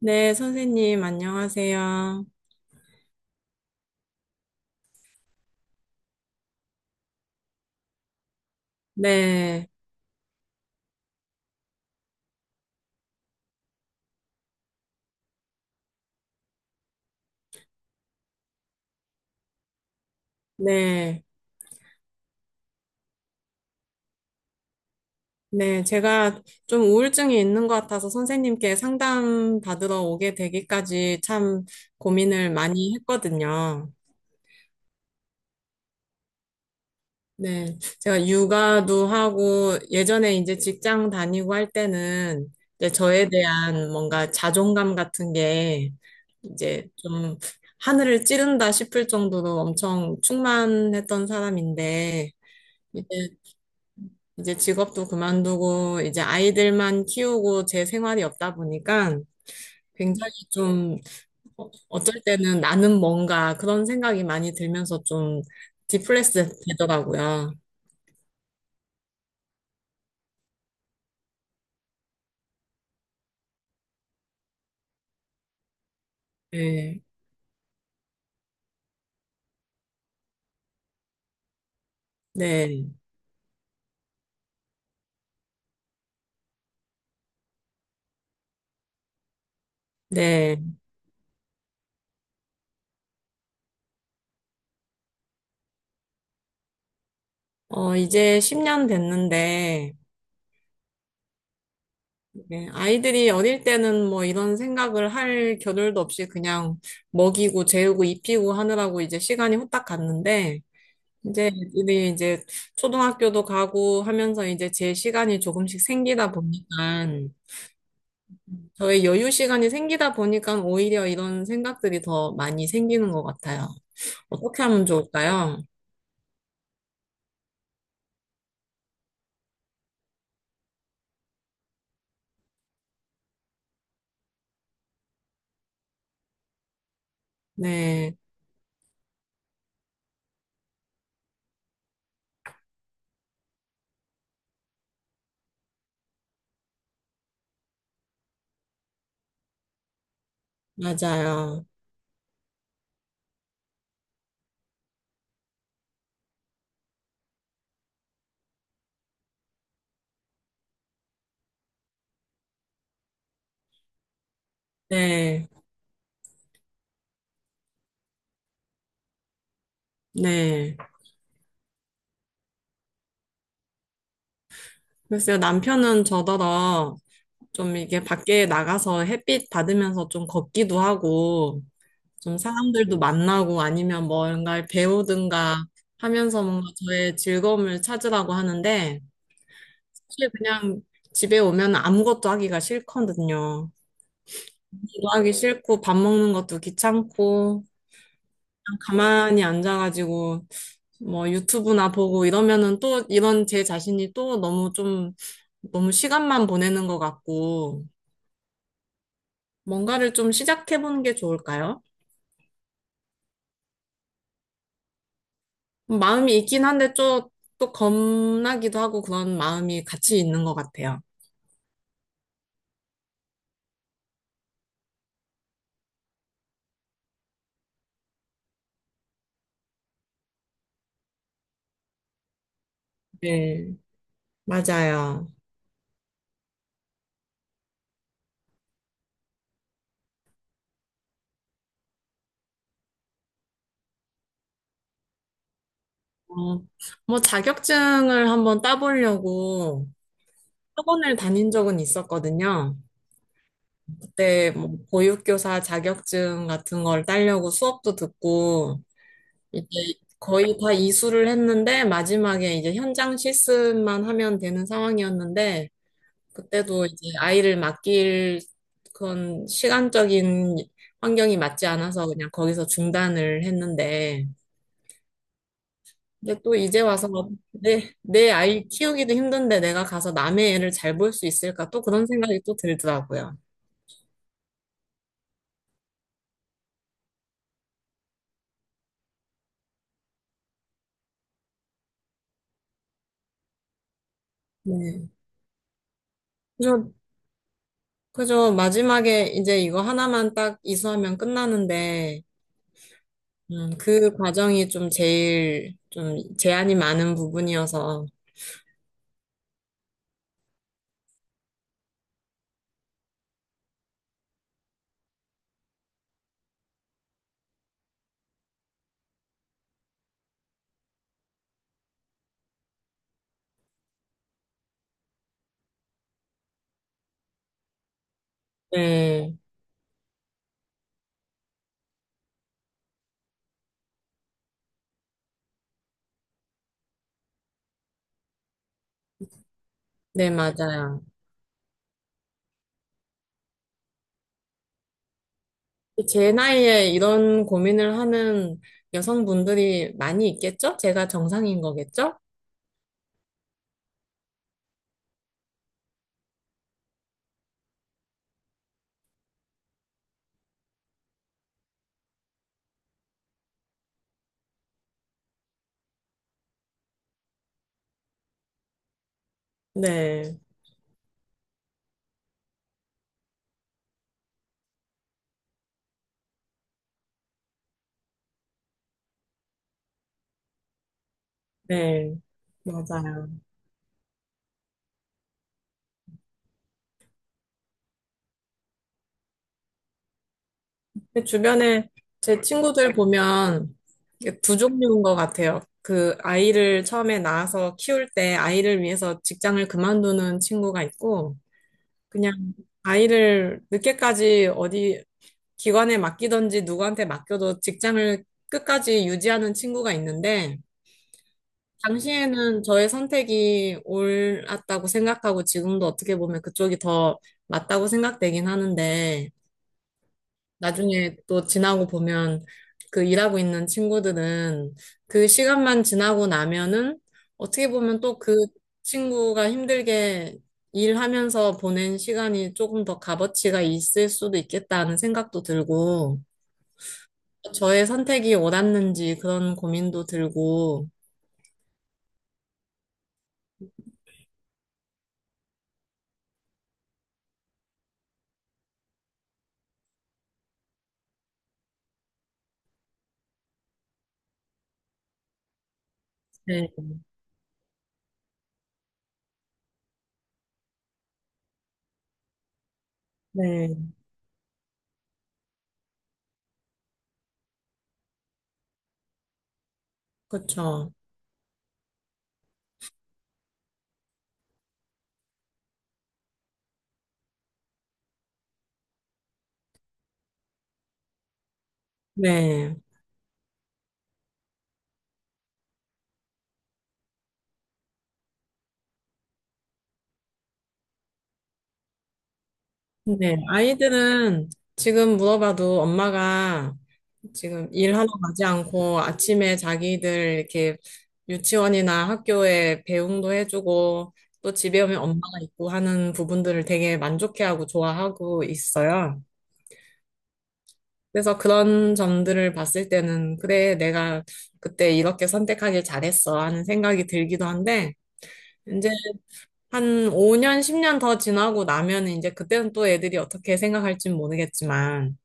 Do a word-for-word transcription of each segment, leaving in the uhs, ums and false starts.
네, 선생님, 안녕하세요. 네, 네, 네. 제가 좀 우울증이 있는 것 같아서 선생님께 상담 받으러 오게 되기까지 참 고민을 많이 했거든요. 네, 제가 육아도 하고 예전에 이제 직장 다니고 할 때는 이제 저에 대한 뭔가 자존감 같은 게 이제 좀 하늘을 찌른다 싶을 정도로 엄청 충만했던 사람인데 이제 이제 직업도 그만두고 이제 아이들만 키우고 제 생활이 없다 보니까 굉장히 좀 어- 어쩔 때는 나는 뭔가 그런 생각이 많이 들면서 좀 디플레스 되더라고요. 네. 네. 네. 어, 이제 십 년 됐는데 네, 아이들이 어릴 때는 뭐 이런 생각을 할 겨를도 없이 그냥 먹이고 재우고 입히고 하느라고 이제 시간이 후딱 갔는데 이제 우리 이제 초등학교도 가고 하면서 이제 제 시간이 조금씩 생기다 보니까 저의 여유 시간이 생기다 보니까 오히려 이런 생각들이 더 많이 생기는 것 같아요. 어떻게 하면 좋을까요? 네, 맞아요. 네, 네. 글쎄요, 남편은 저더러 좀 이게 밖에 나가서 햇빛 받으면서 좀 걷기도 하고 좀 사람들도 만나고 아니면 뭔가를 배우든가 하면서 뭔가 저의 즐거움을 찾으라고 하는데 사실 그냥 집에 오면 아무것도 하기가 싫거든요. 일도 하기 싫고 밥 먹는 것도 귀찮고 그냥 가만히 앉아가지고 뭐 유튜브나 보고 이러면은 또 이런 제 자신이 또 너무 좀 너무 시간만 보내는 것 같고 뭔가를 좀 시작해보는 게 좋을까요? 마음이 있긴 한데 좀 또 겁나기도 하고 그런 마음이 같이 있는 것 같아요. 네, 맞아요. 어, 뭐 자격증을 한번 따보려고 학원을 다닌 적은 있었거든요. 그때 뭐 보육교사 자격증 같은 걸 따려고 수업도 듣고 이제 거의 다 이수를 했는데 마지막에 이제 현장 실습만 하면 되는 상황이었는데 그때도 이제 아이를 맡길 그런 시간적인 환경이 맞지 않아서 그냥 거기서 중단을 했는데, 근데 또 이제 와서 내, 내 아이 키우기도 힘든데 내가 가서 남의 애를 잘 볼 수 있을까? 또 그런 생각이 또 들더라고요. 네. 그죠, 그죠. 마지막에 이제 이거 하나만 딱 이수하면 끝나는데, 음, 그 과정이 좀 제일 좀 제한이 많은 부분이어서, 네, 네, 맞아요. 제 나이에 이런 고민을 하는 여성분들이 많이 있겠죠? 제가 정상인 거겠죠? 네, 네, 맞아요. 근데 주변에 제 친구들 보면 이게 두 종류인 것 같아요. 그 아이를 처음에 낳아서 키울 때 아이를 위해서 직장을 그만두는 친구가 있고, 그냥 아이를 늦게까지 어디 기관에 맡기던지 누구한테 맡겨도 직장을 끝까지 유지하는 친구가 있는데, 당시에는 저의 선택이 옳았다고 생각하고 지금도 어떻게 보면 그쪽이 더 맞다고 생각되긴 하는데 나중에 또 지나고 보면 그 일하고 있는 친구들은 그 시간만 지나고 나면은 어떻게 보면 또 그 친구가 힘들게 일하면서 보낸 시간이 조금 더 값어치가 있을 수도 있겠다는 생각도 들고 저의 선택이 옳았는지 그런 고민도 들고 네, 네, 그렇죠. 네. 네, 아이들은 지금 물어봐도 엄마가 지금 일하러 가지 않고 아침에 자기들 이렇게 유치원이나 학교에 배웅도 해주고 또 집에 오면 엄마가 있고 하는 부분들을 되게 만족해하고 좋아하고 있어요. 그래서 그런 점들을 봤을 때는 그래, 내가 그때 이렇게 선택하길 잘했어 하는 생각이 들기도 한데 이제 한 오 년, 십 년 더 지나고 나면 이제 그때는 또 애들이 어떻게 생각할진 모르겠지만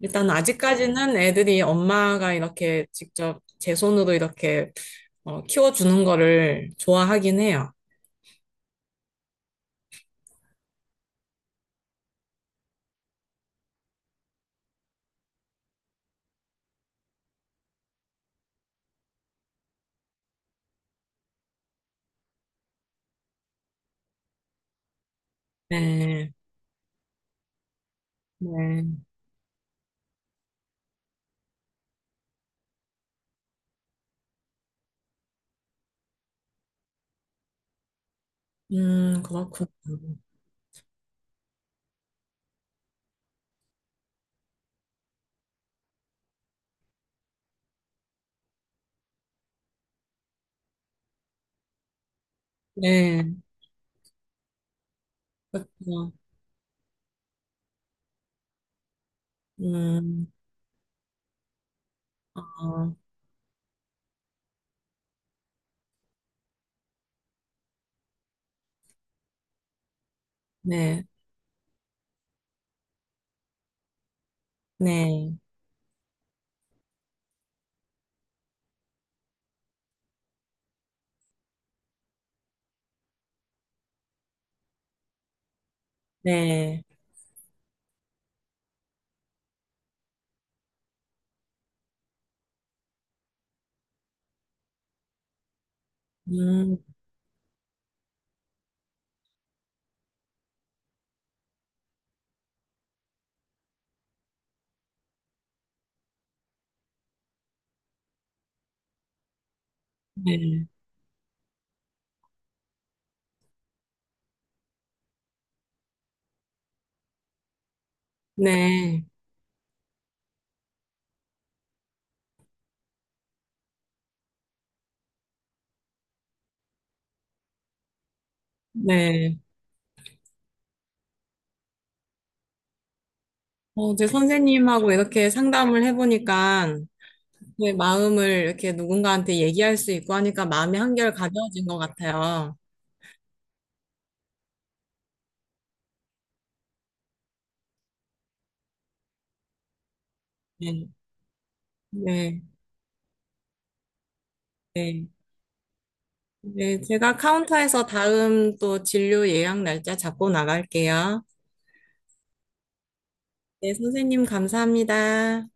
일단 아직까지는 애들이 엄마가 이렇게 직접 제 손으로 이렇게 어, 키워주는 거를 좋아하긴 해요. 네, 네. 음, 그렇군요. 네, 그래서, 음, 어, 네, 네, 네, 음, 네, 네, 네. 어, 제 선생님하고 이렇게 상담을 해보니까 제 마음을 이렇게 누군가한테 얘기할 수 있고 하니까 마음이 한결 가벼워진 것 같아요. 네, 네, 네. 네, 제가 카운터에서 다음 또 진료 예약 날짜 잡고 나갈게요. 네, 선생님 감사합니다.